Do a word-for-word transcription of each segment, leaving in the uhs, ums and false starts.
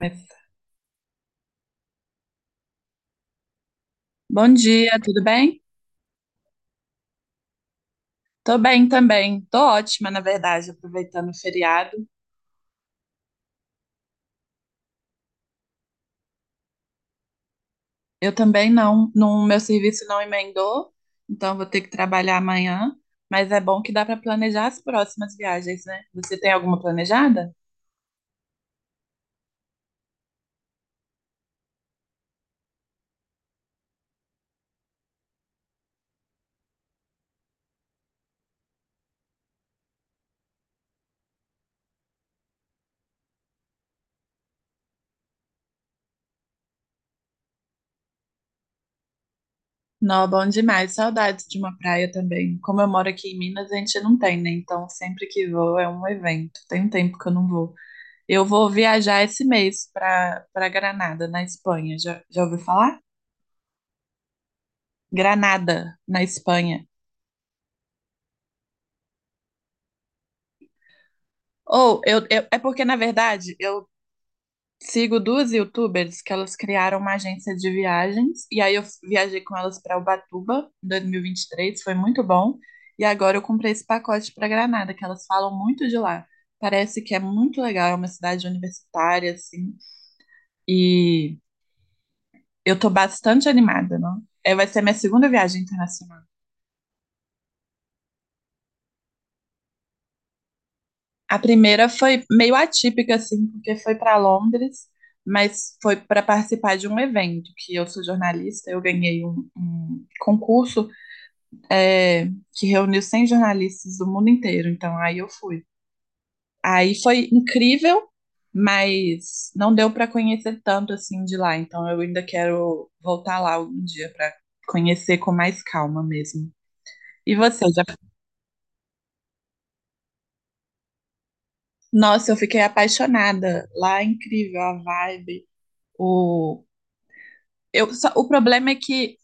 Mas- Bom dia, tudo bem? Tô bem também. Tô ótima, na verdade, aproveitando o feriado. Eu também não, no meu serviço não emendou, então vou ter que trabalhar amanhã, mas é bom que dá para planejar as próximas viagens, né? Você tem alguma planejada? Não, bom demais. Saudades de uma praia também. Como eu moro aqui em Minas, a gente não tem, né? Então sempre que vou é um evento. Tem um tempo que eu não vou. Eu vou viajar esse mês para para Granada, na Espanha. Já, já ouviu falar? Granada, na Espanha. Ou, eu, eu- é porque, na verdade, eu sigo duas youtubers que elas criaram uma agência de viagens, e aí eu viajei com elas para Ubatuba em dois mil e vinte e três, foi muito bom. E agora eu comprei esse pacote para Granada, que elas falam muito de lá. Parece que é muito legal, é uma cidade universitária, assim, e eu tô bastante animada, não? É, vai ser minha segunda viagem internacional. A primeira foi meio atípica, assim, porque foi para Londres, mas foi para participar de um evento, que eu sou jornalista, eu ganhei um, um concurso é, que reuniu cem jornalistas do mundo inteiro, então aí eu fui. Aí foi incrível, mas não deu para conhecer tanto assim de lá, então eu ainda quero voltar lá algum dia para conhecer com mais calma mesmo. E você já? Nossa, eu fiquei apaixonada. Lá é incrível a vibe, o Eu, só- o problema é que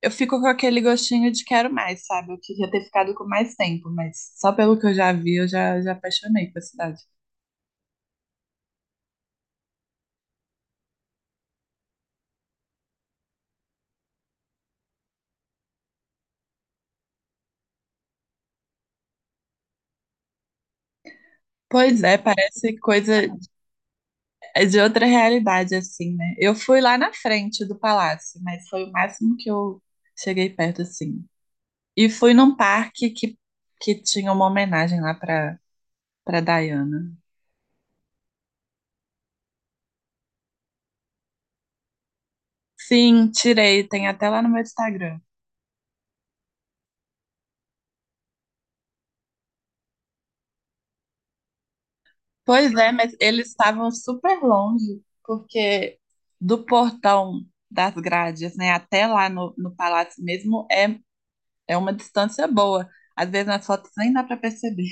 eu fico com aquele gostinho de quero mais, sabe? Eu queria ter ficado com mais tempo, mas só pelo que eu já vi, eu já, já apaixonei pela cidade. Pois é, parece coisa de outra realidade, assim, né? Eu fui lá na frente do palácio, mas foi o máximo que eu cheguei perto, assim. E fui num parque que, que tinha uma homenagem lá pra, pra Diana. Sim, tirei, tem até lá no meu Instagram. Pois é, mas eles estavam super longe, porque do portão das grades, né, até lá no, no palácio mesmo, é, é uma distância boa. Às vezes nas fotos nem dá para perceber.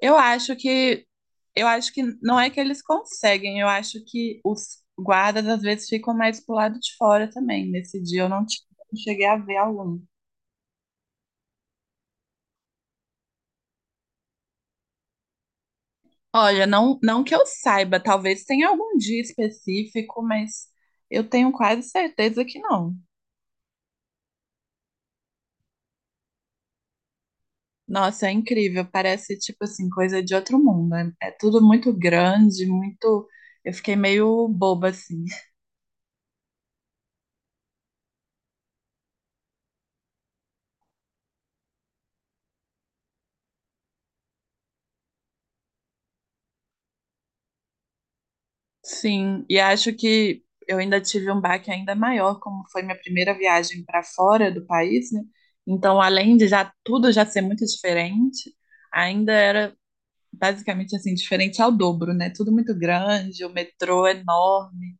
Eu acho que eu acho que não é que eles conseguem, eu acho que os guardas às vezes ficam mais pro lado de fora também. Nesse dia eu não, tive- não cheguei a ver algum. Olha, não, não que eu saiba, talvez tenha algum dia específico, mas eu tenho quase certeza que não. Nossa, é incrível. Parece, tipo assim, coisa de outro mundo. É, é tudo muito grande, muito. Eu fiquei meio boba, assim. Sim, e acho que eu ainda tive um baque ainda maior, como foi minha primeira viagem para fora do país, né? Então, além de já tudo já ser muito diferente, ainda era basicamente assim, diferente ao dobro, né? Tudo muito grande, o metrô enorme.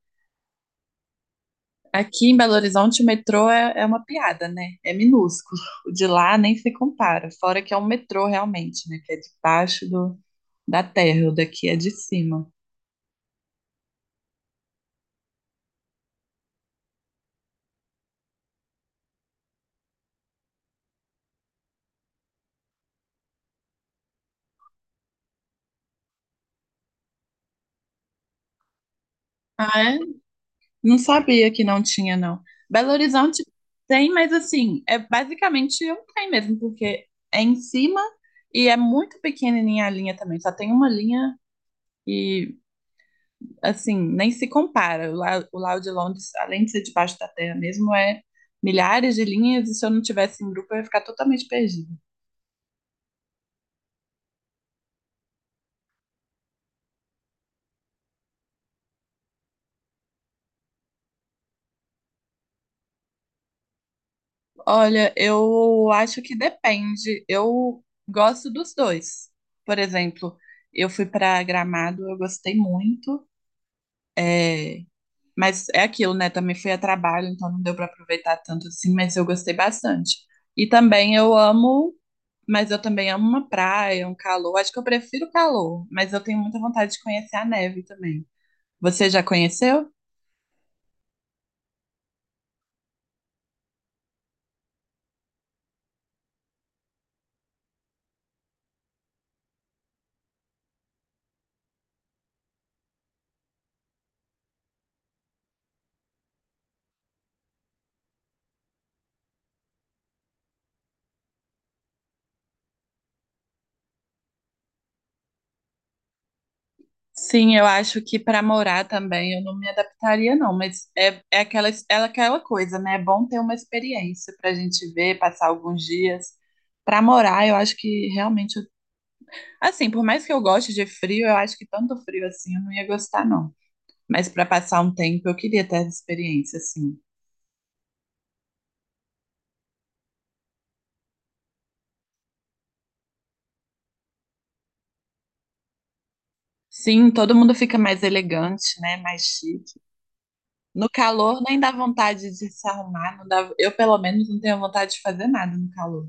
Aqui em Belo Horizonte, o metrô é, é uma piada, né? É minúsculo. O de lá nem se compara. Fora que é um metrô realmente, né? Que é debaixo do, da terra, o daqui é de cima. Ah, é? Não sabia que não tinha, não. Belo Horizonte tem, mas assim, é basicamente um trem mesmo, porque é em cima e é muito pequenininha a linha também. Só tem uma linha e assim, nem se compara. O Lau, o Lau de Londres, além de ser debaixo da terra mesmo, é milhares de linhas e se eu não tivesse em grupo eu ia ficar totalmente perdida. Olha, eu acho que depende. Eu gosto dos dois. Por exemplo, eu fui para Gramado, eu gostei muito. É, mas é aquilo, né? Também fui a trabalho, então não deu para aproveitar tanto assim, mas eu gostei bastante. E também eu amo Mas eu também amo uma praia, um calor. Acho que eu prefiro o calor, mas eu tenho muita vontade de conhecer a neve também. Você já conheceu? Sim, eu acho que para morar também eu não me adaptaria, não, mas é, é aquela, é aquela coisa, né? É bom ter uma experiência para a gente ver, passar alguns dias. Para morar, eu acho que realmente. Eu- Assim, por mais que eu goste de frio, eu acho que tanto frio assim eu não ia gostar, não. Mas para passar um tempo, eu queria ter essa experiência, assim. Sim, todo mundo fica mais elegante, né? Mais chique. No calor nem dá vontade de se arrumar, não dá... eu pelo menos não tenho vontade de fazer nada no calor.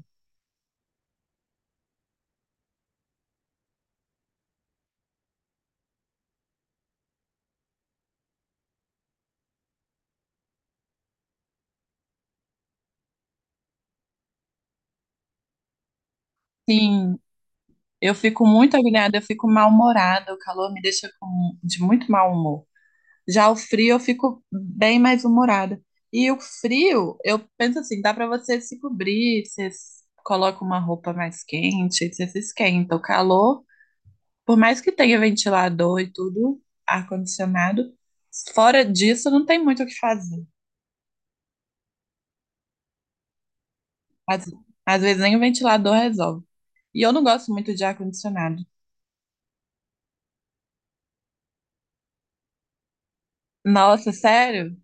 Sim, eu fico muito agoniada, eu fico mal-humorada, o calor me deixa com... de muito mau humor. Já o frio eu fico bem mais humorada. E o frio, eu penso assim, dá para você se cobrir, você s- coloca uma roupa mais quente, você se esquenta. O calor Por mais que tenha ventilador e tudo, ar-condicionado, fora disso não tem muito o que fazer. Às, às vezes nem o ventilador resolve. E eu não gosto muito de ar-condicionado. Nossa, sério?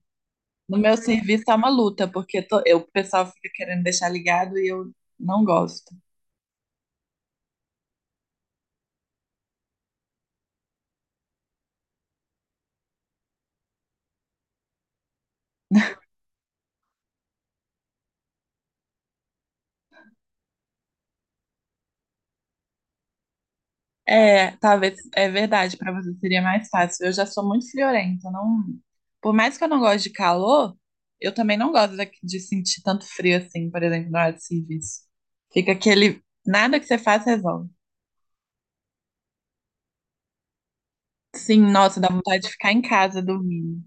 No meu serviço é uma luta, porque to- eu, o pessoal fica querendo deixar ligado e eu não gosto. É, talvez é verdade, para você seria mais fácil. Eu já sou muito friorenta, não, por mais que eu não goste de calor, eu também não gosto da- de sentir tanto frio assim, por exemplo, na hora de serviço. Fica aquele, nada que você faz resolve. Sim, nossa, dá vontade de ficar em casa dormindo.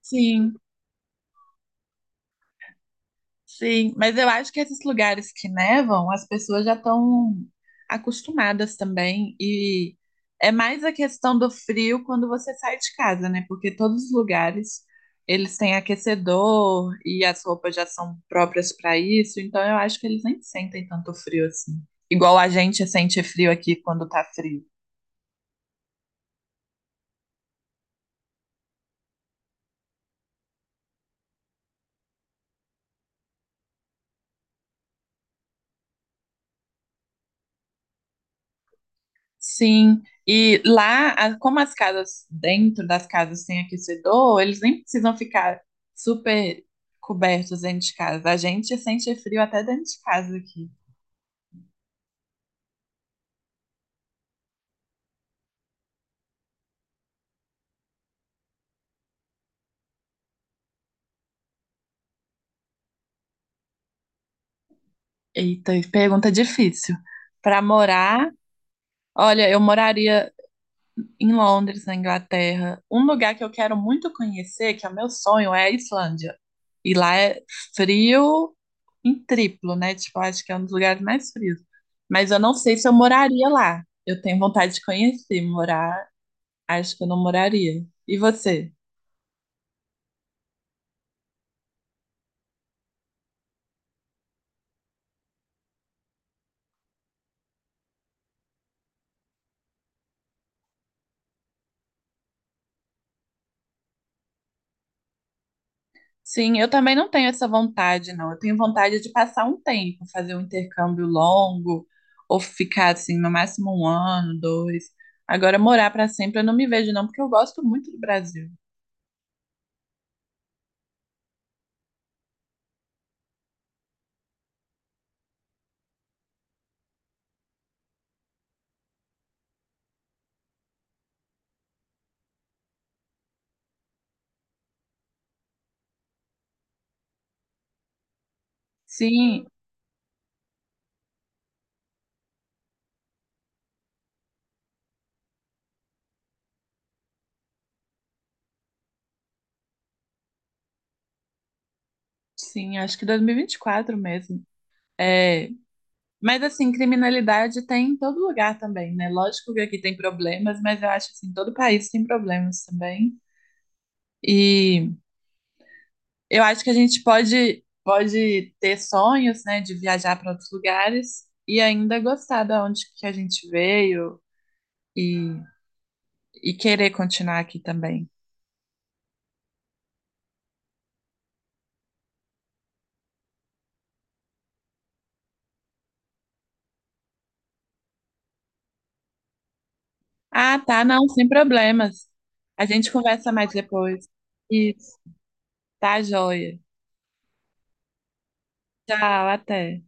Sim. Sim, mas eu acho que esses lugares que nevam, as pessoas já estão acostumadas também. E é mais a questão do frio quando você sai de casa, né? Porque todos os lugares eles têm aquecedor e as roupas já são próprias para isso. Então eu acho que eles nem sentem tanto frio assim. Igual a gente sente frio aqui quando tá frio. Sim, e lá, a- como as casas, dentro das casas tem aquecedor, eles nem precisam ficar super cobertos dentro de casa. A gente sente frio até dentro de casa aqui. Eita, pergunta difícil. Para morar, olha, eu moraria em Londres, na Inglaterra. Um lugar que eu quero muito conhecer, que é o meu sonho, é a Islândia. E lá é frio, em triplo, né? Tipo, acho que é um dos lugares mais frios. Mas eu não sei se eu moraria lá. Eu tenho vontade de conhecer, morar, acho que eu não moraria. E você? Sim, eu também não tenho essa vontade, não. Eu tenho vontade de passar um tempo, fazer um intercâmbio longo, ou ficar assim, no máximo um ano, dois. Agora, morar para sempre, eu não me vejo, não, porque eu gosto muito do Brasil. Sim, sim, acho que dois mil e vinte e quatro mesmo. É, mas assim, criminalidade tem em todo lugar também, né? Lógico que aqui tem problemas, mas eu acho assim, todo país tem problemas também. E eu acho que a gente pode pode ter sonhos, né, de viajar para outros lugares e ainda gostar da onde que a gente veio e, e querer continuar aqui também. Ah, tá, não, sem problemas. A gente conversa mais depois. Isso, tá joia. Tchau, até.